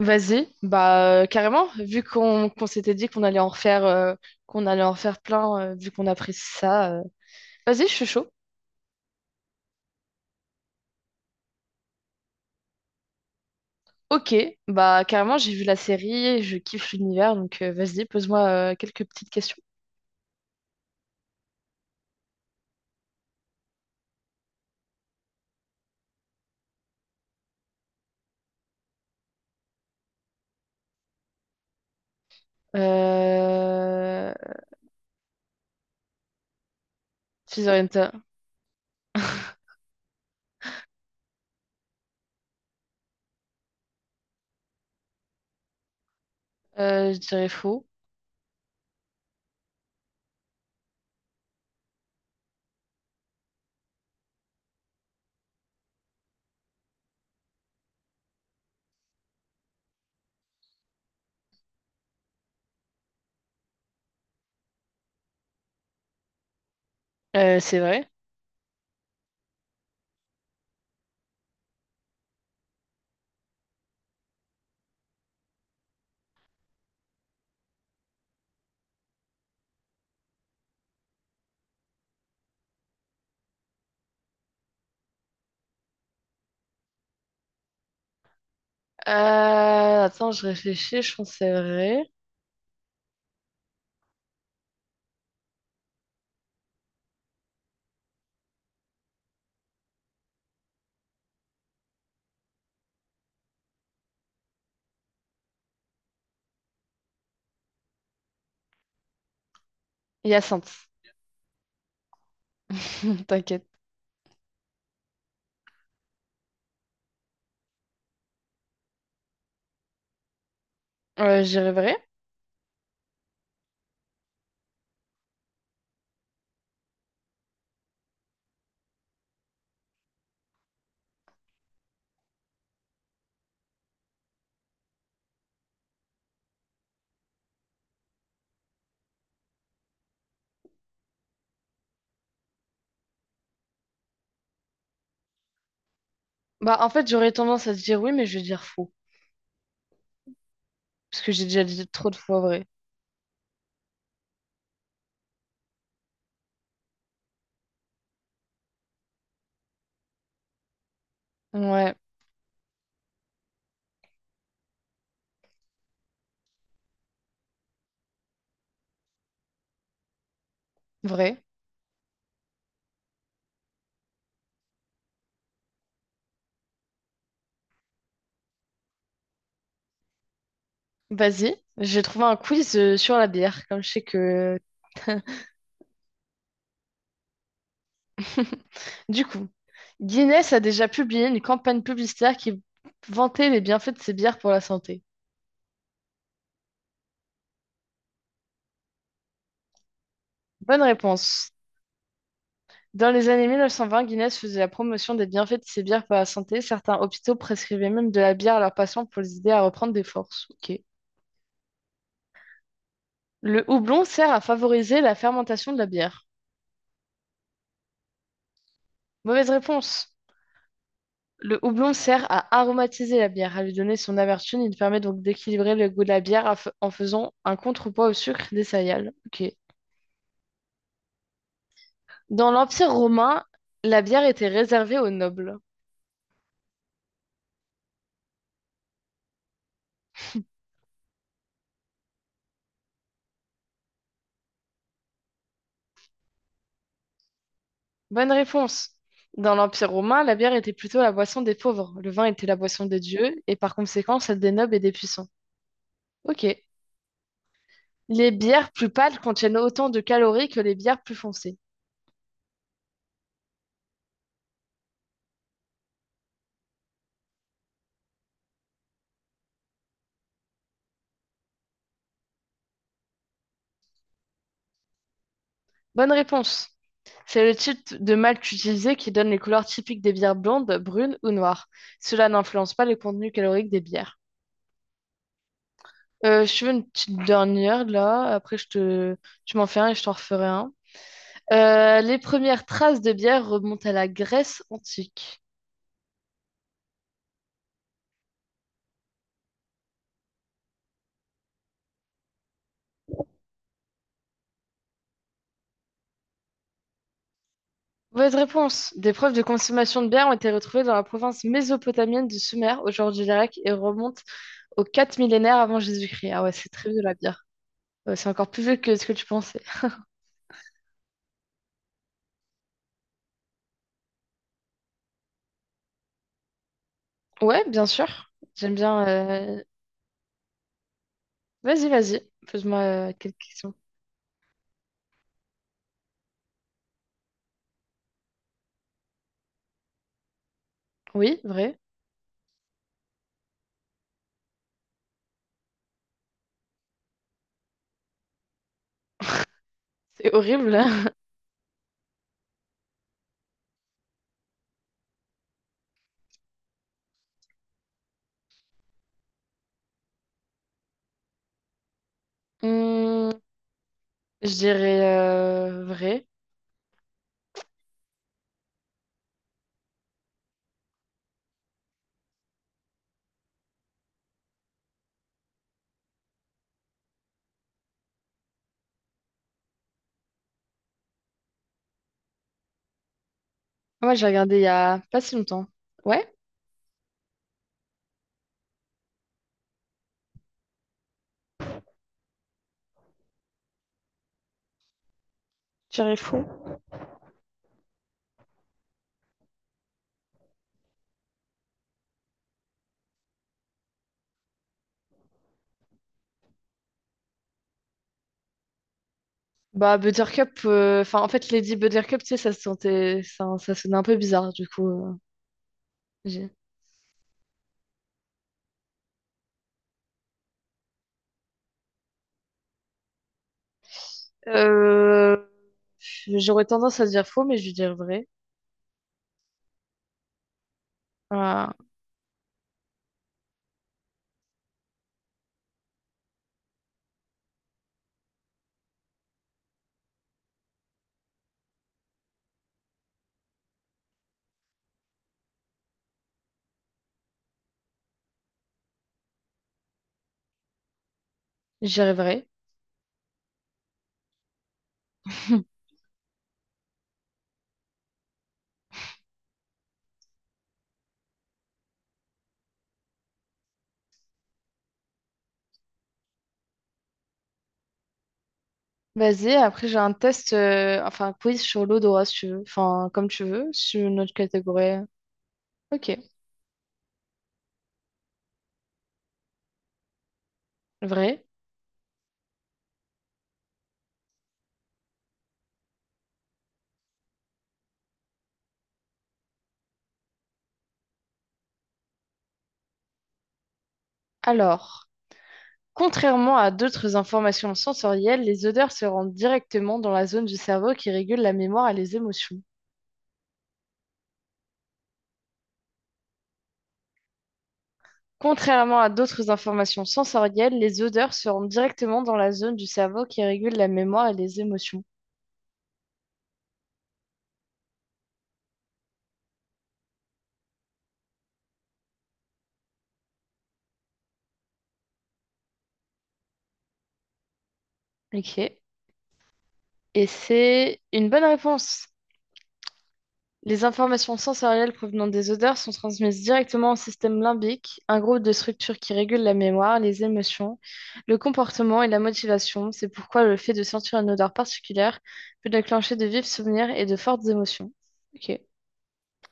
Vas-y, carrément, vu qu'on s'était dit qu'on allait en refaire, qu'on allait en refaire plein, vu qu'on apprécie ça. Vas-y, je suis chaud. Ok, bah carrément, j'ai vu la série, je kiffe l'univers, donc vas-y, pose-moi quelques petites questions. Euh... Fizorenta, je dirais faux. C'est vrai. Attends, je réfléchis, je pense que c'est vrai. Hyacinthe, t'inquiète. Je dirais vrai. Bah en fait, j'aurais tendance à te dire oui, mais je vais dire faux, parce que j'ai déjà dit trop de fois vrai. Ouais, vrai. Vas-y. J'ai trouvé un quiz sur la bière, comme je sais que... Du coup, Guinness a déjà publié une campagne publicitaire qui vantait les bienfaits de ses bières pour la santé. Bonne réponse. Dans les années 1920, Guinness faisait la promotion des bienfaits de ses bières pour la santé. Certains hôpitaux prescrivaient même de la bière à leurs patients pour les aider à reprendre des forces. Ok. Le houblon sert à favoriser la fermentation de la bière. Mauvaise réponse. Le houblon sert à aromatiser la bière, à lui donner son amertume. Il permet donc d'équilibrer le goût de la bière en faisant un contrepoids au sucre des céréales. Ok. Dans l'Empire romain, la bière était réservée aux nobles. Bonne réponse. Dans l'Empire romain, la bière était plutôt la boisson des pauvres. Le vin était la boisson des dieux et par conséquent celle des nobles et des puissants. Ok. Les bières plus pâles contiennent autant de calories que les bières plus foncées. Bonne réponse. C'est le type de malt utilisé qui donne les couleurs typiques des bières blondes, brunes ou noires. Cela n'influence pas le contenu calorique des bières. Je veux une petite dernière là, après je te... tu m'en fais un et je t'en referai un. Les premières traces de bière remontent à la Grèce antique. Mauvaise réponse. Des preuves de consommation de bière ont été retrouvées dans la province mésopotamienne du Sumer, aujourd'hui l'Irak, et remontent aux 4 millénaires avant Jésus-Christ. Ah ouais, c'est très vieux la bière. Ouais, c'est encore plus vieux que ce que tu pensais. Ouais, bien sûr. J'aime bien. Vas-y, vas-y. Pose-moi quelques questions. Oui, vrai. C'est horrible, hein. Hum, je dirais vrai. Moi, j'ai regardé il y a pas si longtemps. Ouais, je dirais faux. Bah, Buttercup, enfin, en fait, Lady Buttercup, tu sais, ça se sentait, ça sonnait un peu bizarre, du coup. j'ai- Euh, j'aurais tendance à dire faux, mais je vais dire vrai. Voilà, je dirais vrai. Vas-y, après j'ai un test, enfin un quiz sur l'odorat si tu veux, enfin comme tu veux, sur notre catégorie. Ok, vrai. Alors, contrairement à d'autres informations sensorielles, les odeurs se rendent directement dans la zone du cerveau qui régule la mémoire et les émotions. Contrairement à d'autres informations sensorielles, les odeurs se rendent directement dans la zone du cerveau qui régule la mémoire et les émotions. Ok. Et c'est une bonne réponse. Les informations sensorielles provenant des odeurs sont transmises directement au système limbique, un groupe de structures qui régule la mémoire, les émotions, le comportement et la motivation. C'est pourquoi le fait de sentir une odeur particulière peut déclencher de vifs souvenirs et de fortes émotions. Ok,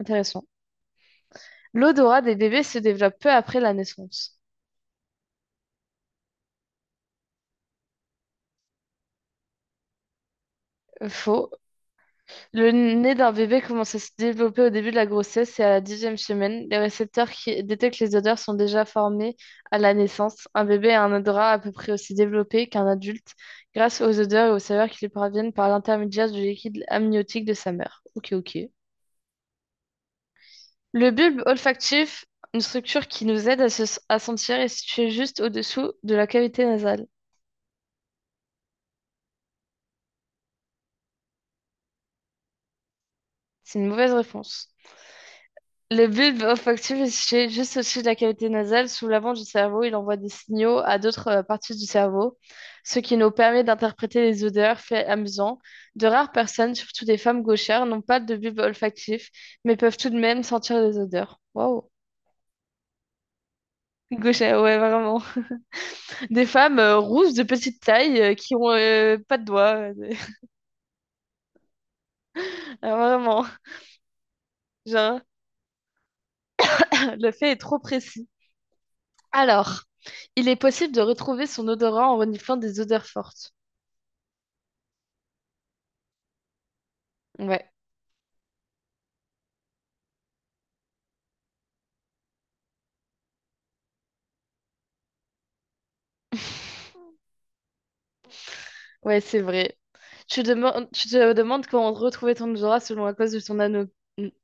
intéressant. L'odorat des bébés se développe peu après la naissance. Faux. Le nez d'un bébé commence à se développer au début de la grossesse et à la 10e semaine. Les récepteurs qui détectent les odeurs sont déjà formés à la naissance. Un bébé a un odorat à peu près aussi développé qu'un adulte grâce aux odeurs et aux saveurs qui lui parviennent par l'intermédiaire du liquide amniotique de sa mère. Ok, ok. Le bulbe olfactif, une structure qui nous aide à sentir, est située juste au-dessous de la cavité nasale. C'est une mauvaise réponse. Le bulbe olfactif est situé juste au-dessus de la cavité nasale, sous l'avant du cerveau. Il envoie des signaux à d'autres parties du cerveau, ce qui nous permet d'interpréter les odeurs, fait amusant. De rares personnes, surtout des femmes gauchères, n'ont pas de bulbe olfactif, mais peuvent tout de même sentir les odeurs. Waouh! Gauchères, ouais, vraiment. Des femmes rousses de petite taille qui ont pas de doigts. Ah, vraiment. Genre, le fait est trop précis. Alors, il est possible de retrouver son odorant en reniflant des odeurs fortes. Ouais. Ouais, c'est vrai. Tu te demandes comment retrouver ton odorat selon la cause de ton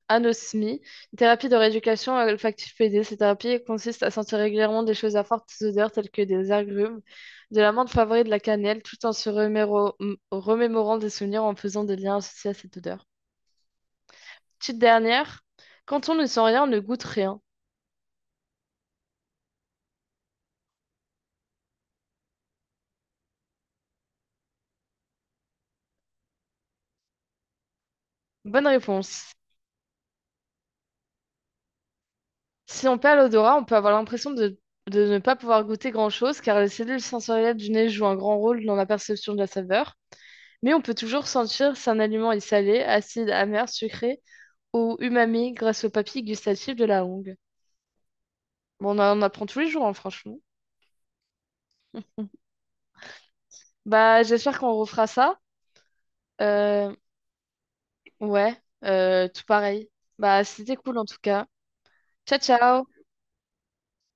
anosmie. Une thérapie de rééducation olfactive PD, cette thérapie consiste à sentir régulièrement des choses à fortes odeurs telles que des agrumes, de l'amande, poivrée et de la cannelle, tout en se remémorant des souvenirs en faisant des liens associés à cette odeur. Petite dernière, quand on ne sent rien, on ne goûte rien. Bonne réponse. Si on perd l'odorat, on peut avoir l'impression de ne pas pouvoir goûter grand-chose car les cellules sensorielles du nez jouent un grand rôle dans la perception de la saveur. Mais on peut toujours sentir si un aliment est salé, acide, amer, sucré ou umami grâce aux papilles gustatives de la langue. Bon, on en apprend tous les jours, hein, franchement. Bah, j'espère qu'on refera ça. Euh, ouais, tout pareil. Bah, c'était cool en tout cas. Ciao, ciao!